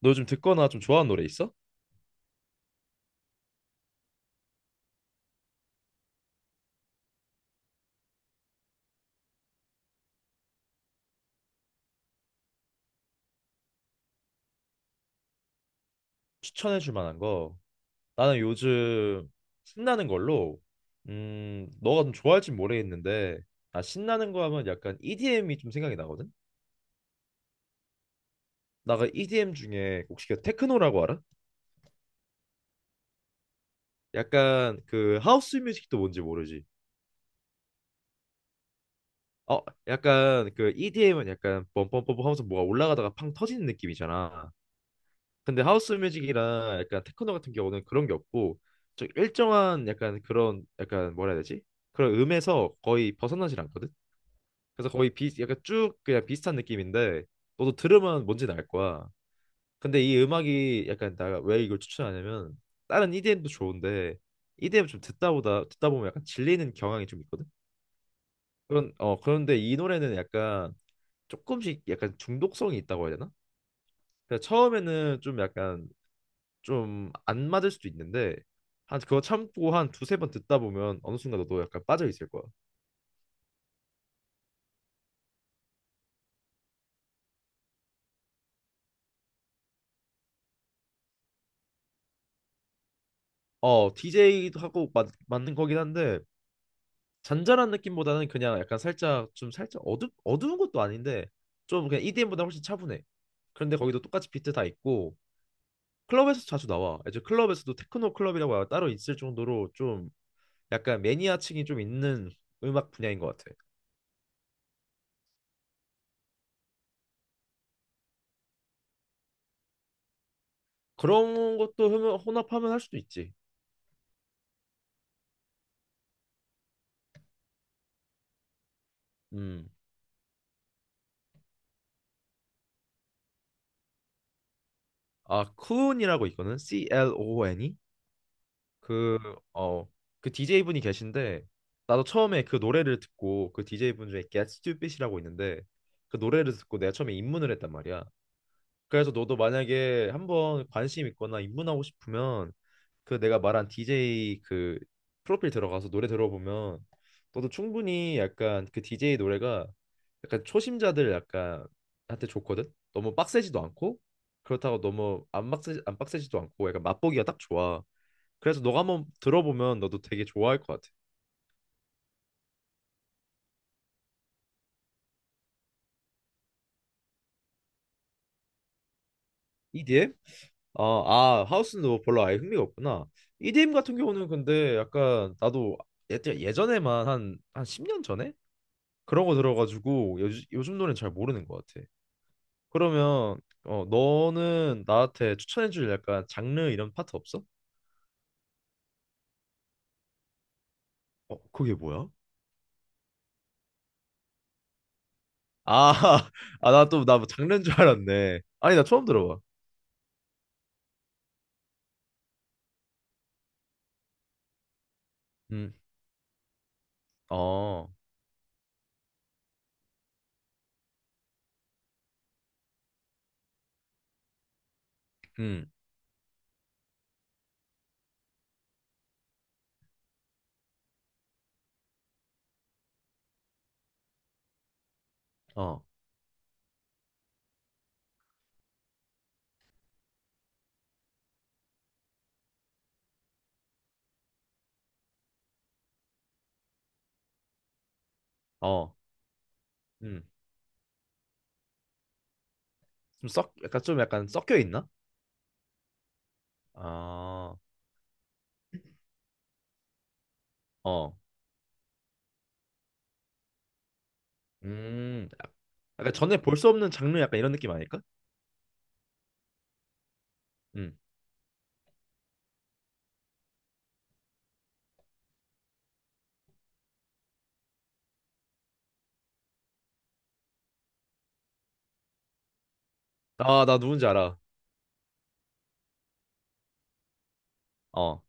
너 요즘 듣거나 좀 좋아하는 노래 있어? 추천해 줄 만한 거. 나는 요즘 신나는 걸로. 너가 좀 좋아할지 모르겠는데 나 신나는 거 하면 약간 EDM이 좀 생각이 나거든. 나가 EDM 중에 혹시 그 테크노라고 알아? 약간 그 하우스 뮤직도 뭔지 모르지. 어, 약간 그 EDM은 약간 뻔뻔뻔뻔 하면서 뭐가 올라가다가 팡 터지는 느낌이잖아. 근데 하우스 뮤직이랑 약간 테크노 같은 경우는 그런 게 없고 좀 일정한 약간 그런 약간 뭐라 해야 되지? 그런 음에서 거의 벗어나질 않거든. 그래서 거의 비 약간 쭉 그냥 비슷한 느낌인데 너도 들으면 뭔지는 알 거야. 근데 이 음악이 약간 내가 왜 이걸 추천하냐면 다른 EDM도 좋은데 EDM 좀 듣다 보면 약간 질리는 경향이 좀 있거든. 그런 그런데 이 노래는 약간 조금씩 약간 중독성이 있다고 해야 되나? 그 처음에는 좀 약간 좀 안 맞을 수도 있는데 한 그거 참고 한 두세 번 듣다 보면 어느 순간 너도 약간 빠져 있을 거야. 어, DJ도 하고 맞는 거긴 한데 잔잔한 느낌보다는 그냥 약간 살짝 좀 살짝 어두운 것도 아닌데 좀 그냥 EDM보다 훨씬 차분해. 그런데 거기도 똑같이 비트 다 있고 클럽에서 자주 나와. 이제 클럽에서도 테크노 클럽이라고 따로 있을 정도로 좀 약간 매니아층이 좀 있는 음악 분야인 것 같아. 그런 것도 혼합하면 할 수도 있지. 음. 아, 쿤이라고 있거든. C-L-O-N이. 그, 어, 그 DJ분이 계신데, 나도 처음에 그 노래를 듣고, 그 DJ분 중에 Get Stupid이라고 있는데, 그 노래를 듣고 내가 처음에 입문을 했단 말이야. 그래서 너도 만약에 한번 관심 있거나 입문하고 싶으면, 그 내가 말한 DJ 그 프로필 들어가서 노래 들어보면 너도 충분히 약간 그 DJ 노래가 약간 초심자들 약간 한테 좋거든. 너무 빡세지도 않고 그렇다고 너무 안 빡세지도 않고 약간 맛보기가 딱 좋아. 그래서 너가 한번 들어보면 너도 되게 좋아할 것 같아. EDM? 아, 아 하우스는 너 별로 아예 흥미가 없구나. EDM 같은 경우는 근데 약간 나도 예전에만 한 10년 전에 그런 거 들어가지고 요즘 노래는 잘 모르는 것 같아. 그러면 너는 나한테 추천해줄 약간 장르 이런 파트 없어? 어, 그게 뭐야? 아, 아, 나 또, 나뭐 장르인 줄 알았네. 아니, 나 처음 들어봐. 음, 어, 음, 어, 어, 음. 약간 좀 약간 섞여 있나? 아, 어, 음. 약간 전에 볼 수 없는 장르 약간 이런 느낌 아닐까? 음. 아, 나 누군지 알아. 어,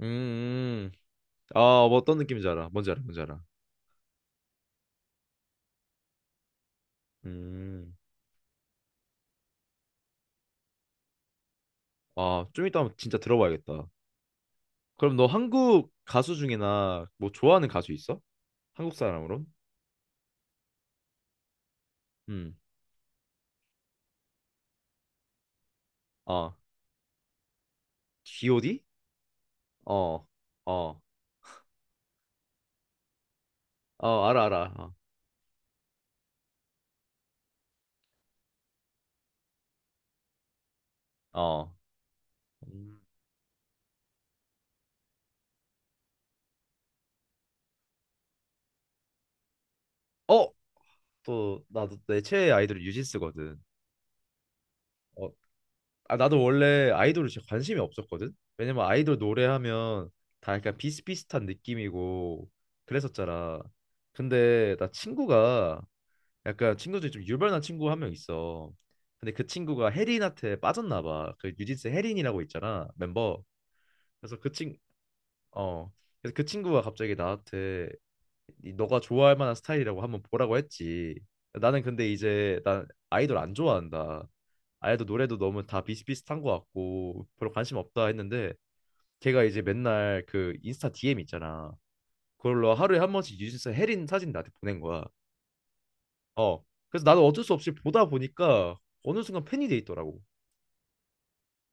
음. 아, 뭐 어떤 느낌인지 알아. 뭔지 알아, 뭔지 알아. 음. 아, 좀 이따 한번 진짜 들어봐야겠다. 그럼 너 한국 가수 중이나 뭐 좋아하는 가수 있어? 한국 사람으로? 음. 어. G.O.D? 어. 어. 어, 알아 알아. 어. 어. 음. 어, 또 나도 내 최애 아이돌이 뉴진스거든. 어. 아, 나도 원래 아이돌에 진짜 관심이 없었거든. 왜냐면 아이돌 노래하면 다 약간 비슷비슷한 느낌이고 그랬었잖아. 근데 나 친구가 약간 친구 중에 좀 유별난 친구 한 명 있어. 근데 그 친구가 혜린한테 빠졌나 봐. 그 뉴진스 혜린이라고 있잖아, 멤버. 그래서 그 친, 어, 그래서 그 친구가 갑자기 나한테 이 너가 좋아할 만한 스타일이라고 한번 보라고 했지. 나는 근데 이제 난 아이돌 안 좋아한다. 아이돌 노래도 너무 다 비슷비슷한 것 같고 별로 관심 없다 했는데 걔가 이제 맨날 그 인스타 DM 있잖아. 그걸로 하루에 한 번씩 뉴진스 혜린 사진 나한테 보낸 거야. 어. 그래서 나는 어쩔 수 없이 보다 보니까 어느 순간 팬이 돼 있더라고.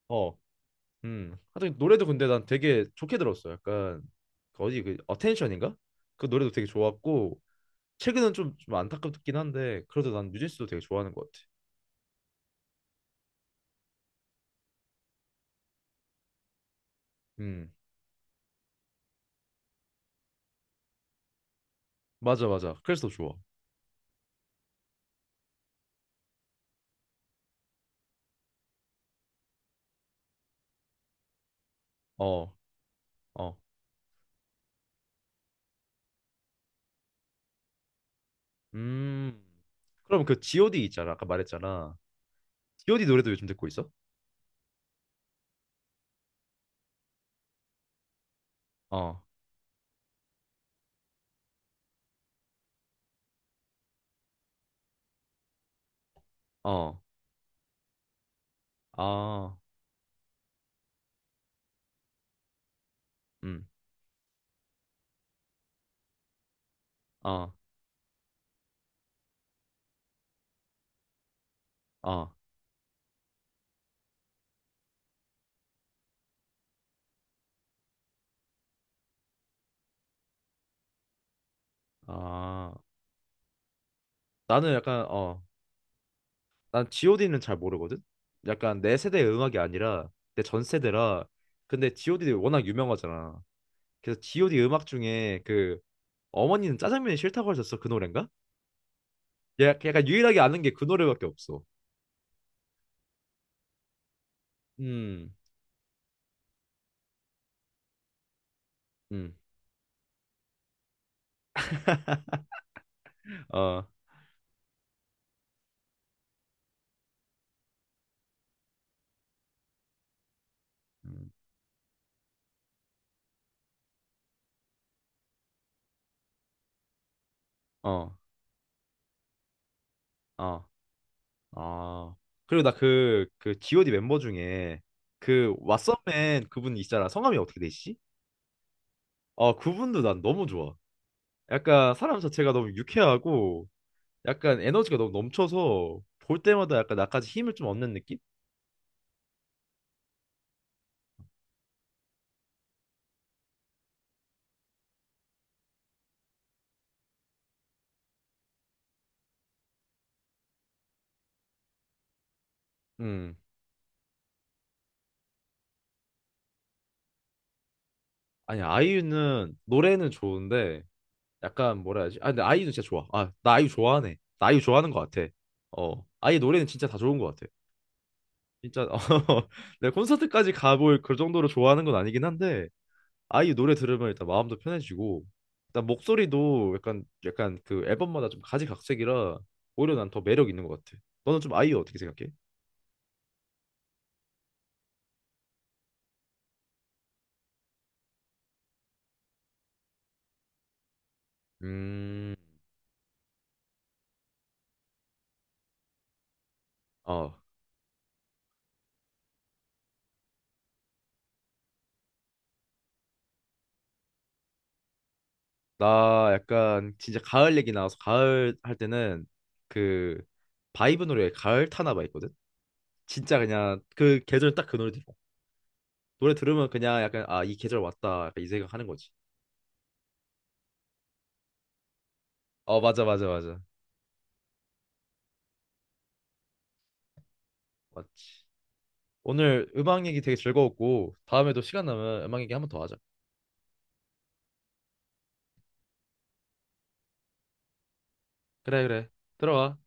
어. 음. 하여튼 노래도 근데 난 되게 좋게 들었어. 약간 그 어디 그 어텐션인가? 그 노래도 되게 좋았고 최근은 좀 안타깝긴 한데 그래도 난 뉴진스도 되게 좋아하는 것 같아. 음. 맞아 맞아. 그래서 더 좋아. 어. 어. 음. 그럼 그 G.O.D 있잖아. 아까 말했잖아. G.O.D 노래도 요즘 듣고 있어? 어. 어. 아. 음. 아. 아. 아. 나는 약간 어. 난 G.O.D는 잘 모르거든. 약간 내 세대의 음악이 아니라 내 전 세대라. 근데 G.O.D 워낙 유명하잖아. 그래서 G.O.D 음악 중에 그 어머니는 짜장면이 싫다고 하셨어 그 노래인가? 약간 유일하게 아는 게 그 노래밖에 없어. 음, 음, 어, 음, 어, 어, 어. 그리고 나 그 G.O.D 멤버 중에 그 왓썸맨 그분 있잖아. 성함이 어떻게 되시지? 어, 그분도 난 너무 좋아. 약간 사람 자체가 너무 유쾌하고 약간 에너지가 너무 넘쳐서 볼 때마다 약간 나까지 힘을 좀 얻는 느낌? 음. 아니 아이유는 노래는 좋은데 약간 뭐라 해야지? 아 근데 아이유는 진짜 좋아. 아 나 아이유 좋아하네. 나 아이유 좋아하는 것 같아. 어 아이유 노래는 진짜 다 좋은 것 같아. 진짜 어, 내가 콘서트까지 가볼 그 정도로 좋아하는 건 아니긴 한데 아이유 노래 들으면 일단 마음도 편해지고 일단 목소리도 약간 그 앨범마다 좀 가지각색이라 오히려 난 더 매력 있는 것 같아. 너는 좀 아이유 어떻게 생각해? 음. 어. 나 약간 진짜 가을 얘기 나와서 가을 할 때는 그 바이브 노래 가을 타나봐 있거든. 진짜 그냥 그 계절 딱 그 노래 들어. 노래 들으면 그냥 약간 아 이 계절 왔다 약간 이 생각 하는 거지. 어 맞아 맞아 맞아 맞지. 오늘 음악 얘기 되게 즐거웠고 다음에도 시간 나면 음악 얘기 한번 더 하자. 그래 그래 들어가.